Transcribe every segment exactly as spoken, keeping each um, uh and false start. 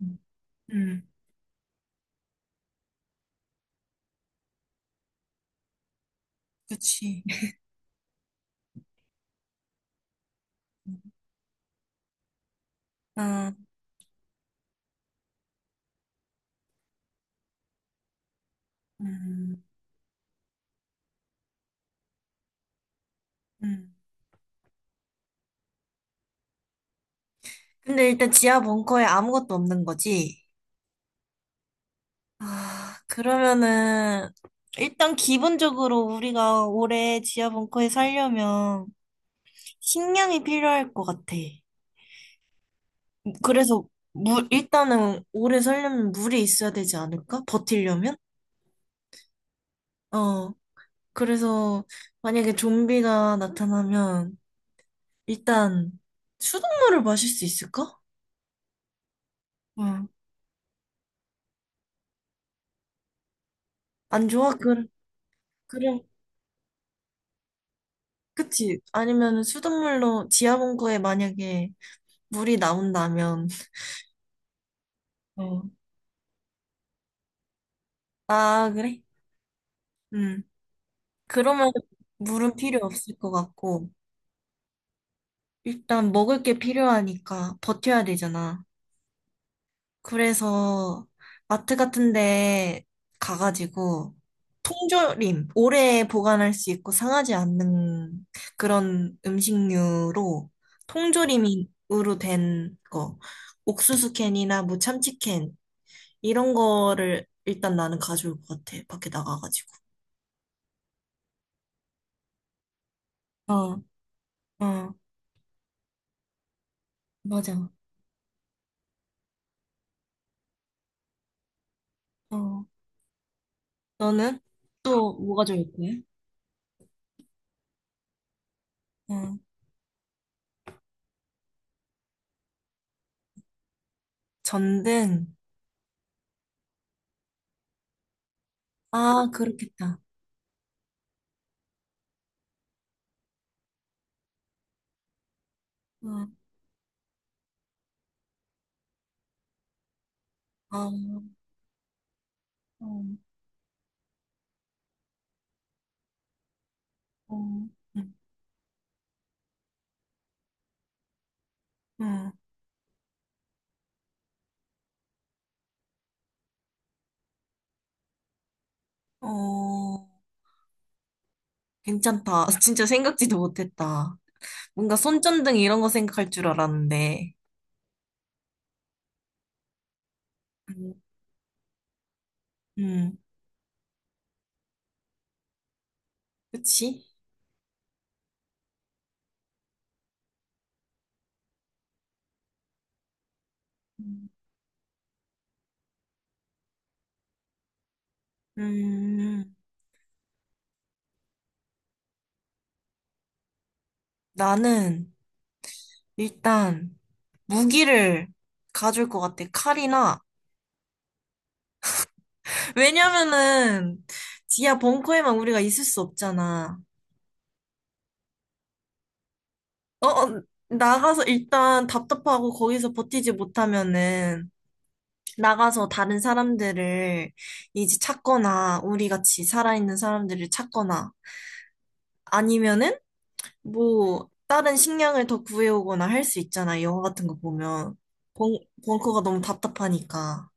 음. 음. 그치. 아, 음. 음. 근데 일단 지하 벙커에 아무것도 없는 거지? 아, 그러면은, 일단 기본적으로 우리가 올해 지하 벙커에 살려면 식량이 필요할 것 같아. 그래서 물, 일단은 오래 살려면 물이 있어야 되지 않을까? 버티려면? 어, 그래서 만약에 좀비가 나타나면 일단 수돗물을 마실 수 있을까? 응. 안 좋아? 그, 그럼. 그치? 아니면 수돗물로 지하봉구에 만약에 물이 나온다면, 어. 아, 그래? 음. 그러면 물은 필요 없을 것 같고, 일단 먹을 게 필요하니까 버텨야 되잖아. 그래서 마트 같은 데 가가지고 통조림, 오래 보관할 수 있고 상하지 않는 그런 음식류로 통조림으로 된 거, 옥수수 캔이나 뭐 참치 캔, 이런 거를 일단 나는 가져올 것 같아. 밖에 나가가지고. 어, 어, 맞아. 어. 너는? 또 뭐가 좋을 거야? 어. 전등. 아, 그렇겠다. 어. 아, 어, 어. 응, 응. 어, 괜찮다. 진짜 생각지도 못했다. 뭔가 손전등 이런 거 생각할 줄 알았는데. 음. 음. 그치? 음. 음. 나는 일단 무기를 가줄 것 같아. 칼이나. 왜냐면은 지하 벙커에만 우리가 있을 수 없잖아. 어, 어, 나가서 일단 답답하고 거기서 버티지 못하면은 나가서 다른 사람들을 이제 찾거나 우리 같이 살아있는 사람들을 찾거나 아니면은 뭐 다른 식량을 더 구해오거나 할 수 있잖아. 영화 같은 거 보면. 벙, 벙커가 너무 답답하니까.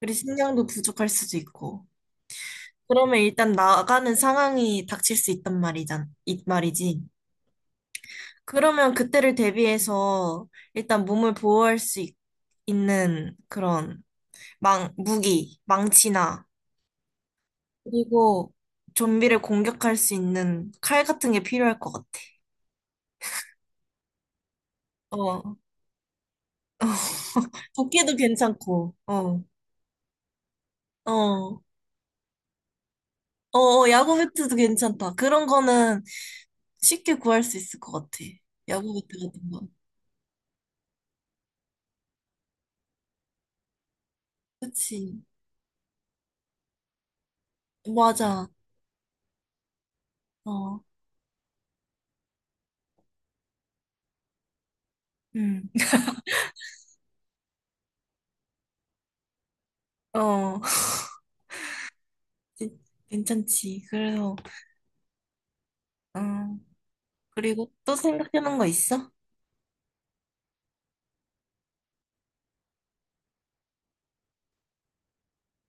그리고 식량도 부족할 수도 있고. 그러면 일단 나가는 상황이 닥칠 수 있단 말이잖, 이 말이지. 그러면 그때를 대비해서 일단 몸을 보호할 수 있, 는 그런 망, 무기, 망치나, 그리고 좀비를 공격할 수 있는 칼 같은 게 필요할 것 같아. 어. 도끼도 괜찮고, 어, 어, 어, 어, 야구 배트도 괜찮다. 그런 거는 쉽게 구할 수 있을 것 같아. 야구 배트 같은 거. 그치. 맞아. 어. 음. 어, 괜찮지. 그래서, 음, 그리고 또 생각나는 거 있어?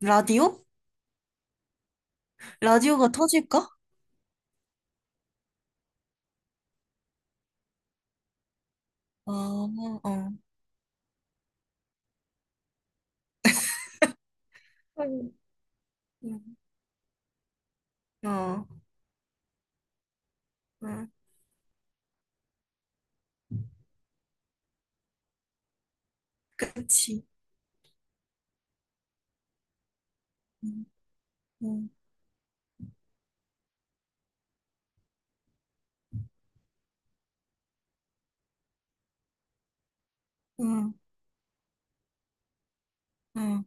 라디오? 라디오가 터질까? 어, 어. 음. 음. 어. 음. 그치. 응, 응, 응, 응.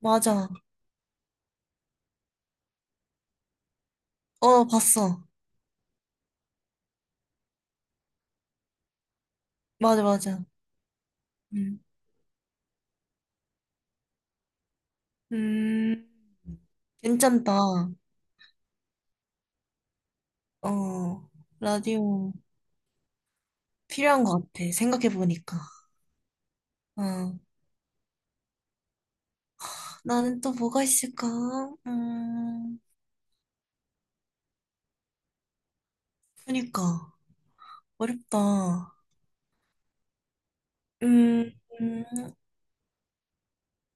맞아. 어, 봤어. 맞아, 맞아. 음. 음. 괜찮다. 어, 라디오 필요한 것 같아. 생각해보니까. 어, 나는 또 뭐가 있을까? 음. 그니까. 어렵다. 음. 음.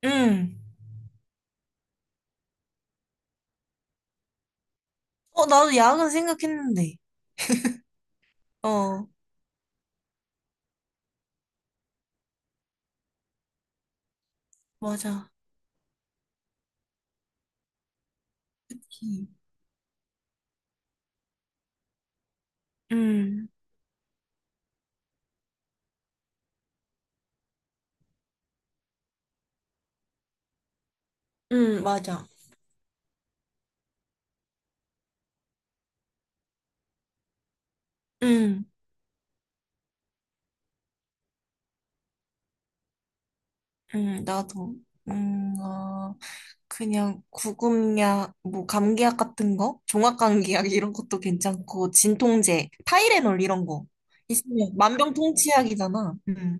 음. 어, 나도 야근 생각했는데. 어, 맞아. 음. 음. 음. 맞아. 음. 음. 나도. 음. 어, 그냥 구급약, 뭐, 감기약 같은 거? 종합감기약 이런 것도 괜찮고, 진통제, 타이레놀 이런 거. 있으면 만병통치약이잖아. 음.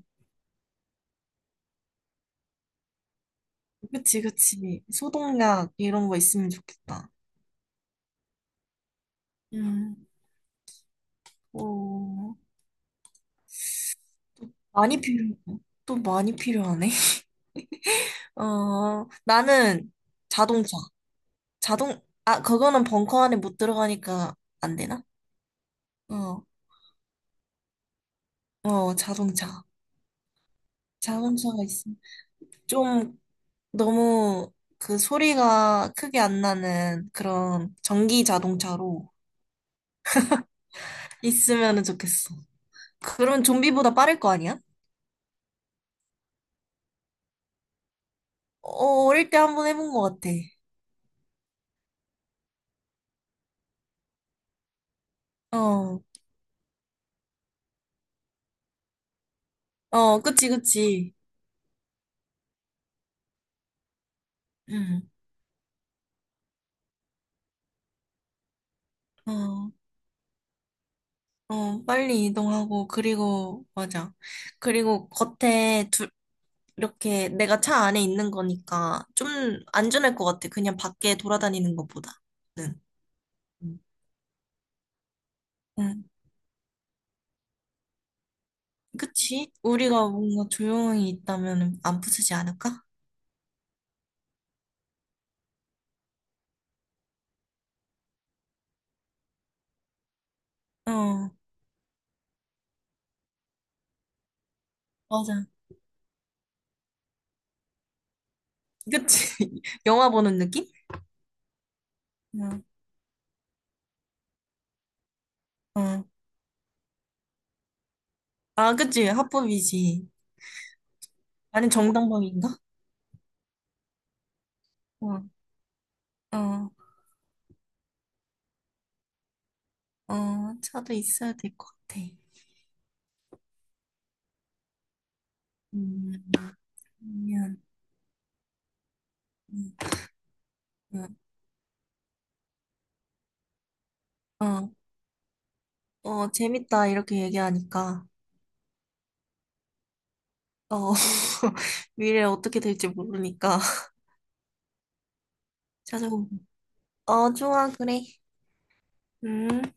그치, 그치. 소독약 이런 거 있으면 좋겠다. 음. 어. 많이 필요해. 또 많이 필요하네. 어, 나는 자동차. 자동, 아, 그거는 벙커 안에 못 들어가니까 안 되나? 어, 어, 자동차. 자동차가 있어. 좀 너무 그 소리가 크게 안 나는 그런 전기 자동차로 있으면 좋겠어. 그러면 좀비보다 빠를 거 아니야? 어, 어릴 때 한번 해본 것 같아. 어, 어, 그치, 그치. 응, 어, 어, 빨리 이동하고, 그리고, 맞아. 그리고 겉에 이렇게 내가 차 안에 있는 거니까 좀 안전할 것 같아. 그냥 밖에 돌아다니는 것보다는. 음. 응. 응. 그치? 우리가 뭔가 조용히 있다면 안 부수지 않을까? 어, 맞아. 그치? 영화 보는 느낌? 응. 어. 아, 그치? 합법이지. 아니, 정당방위인가? 어, 어, 어, 차도 있어야 될 것 같아. 음. 그러면, 음. 음. 어, 어, 재밌다. 이렇게 얘기하니까. 어, 미래 어떻게 될지 모르니까 찾아보고. 어, 좋아, 그래. 음.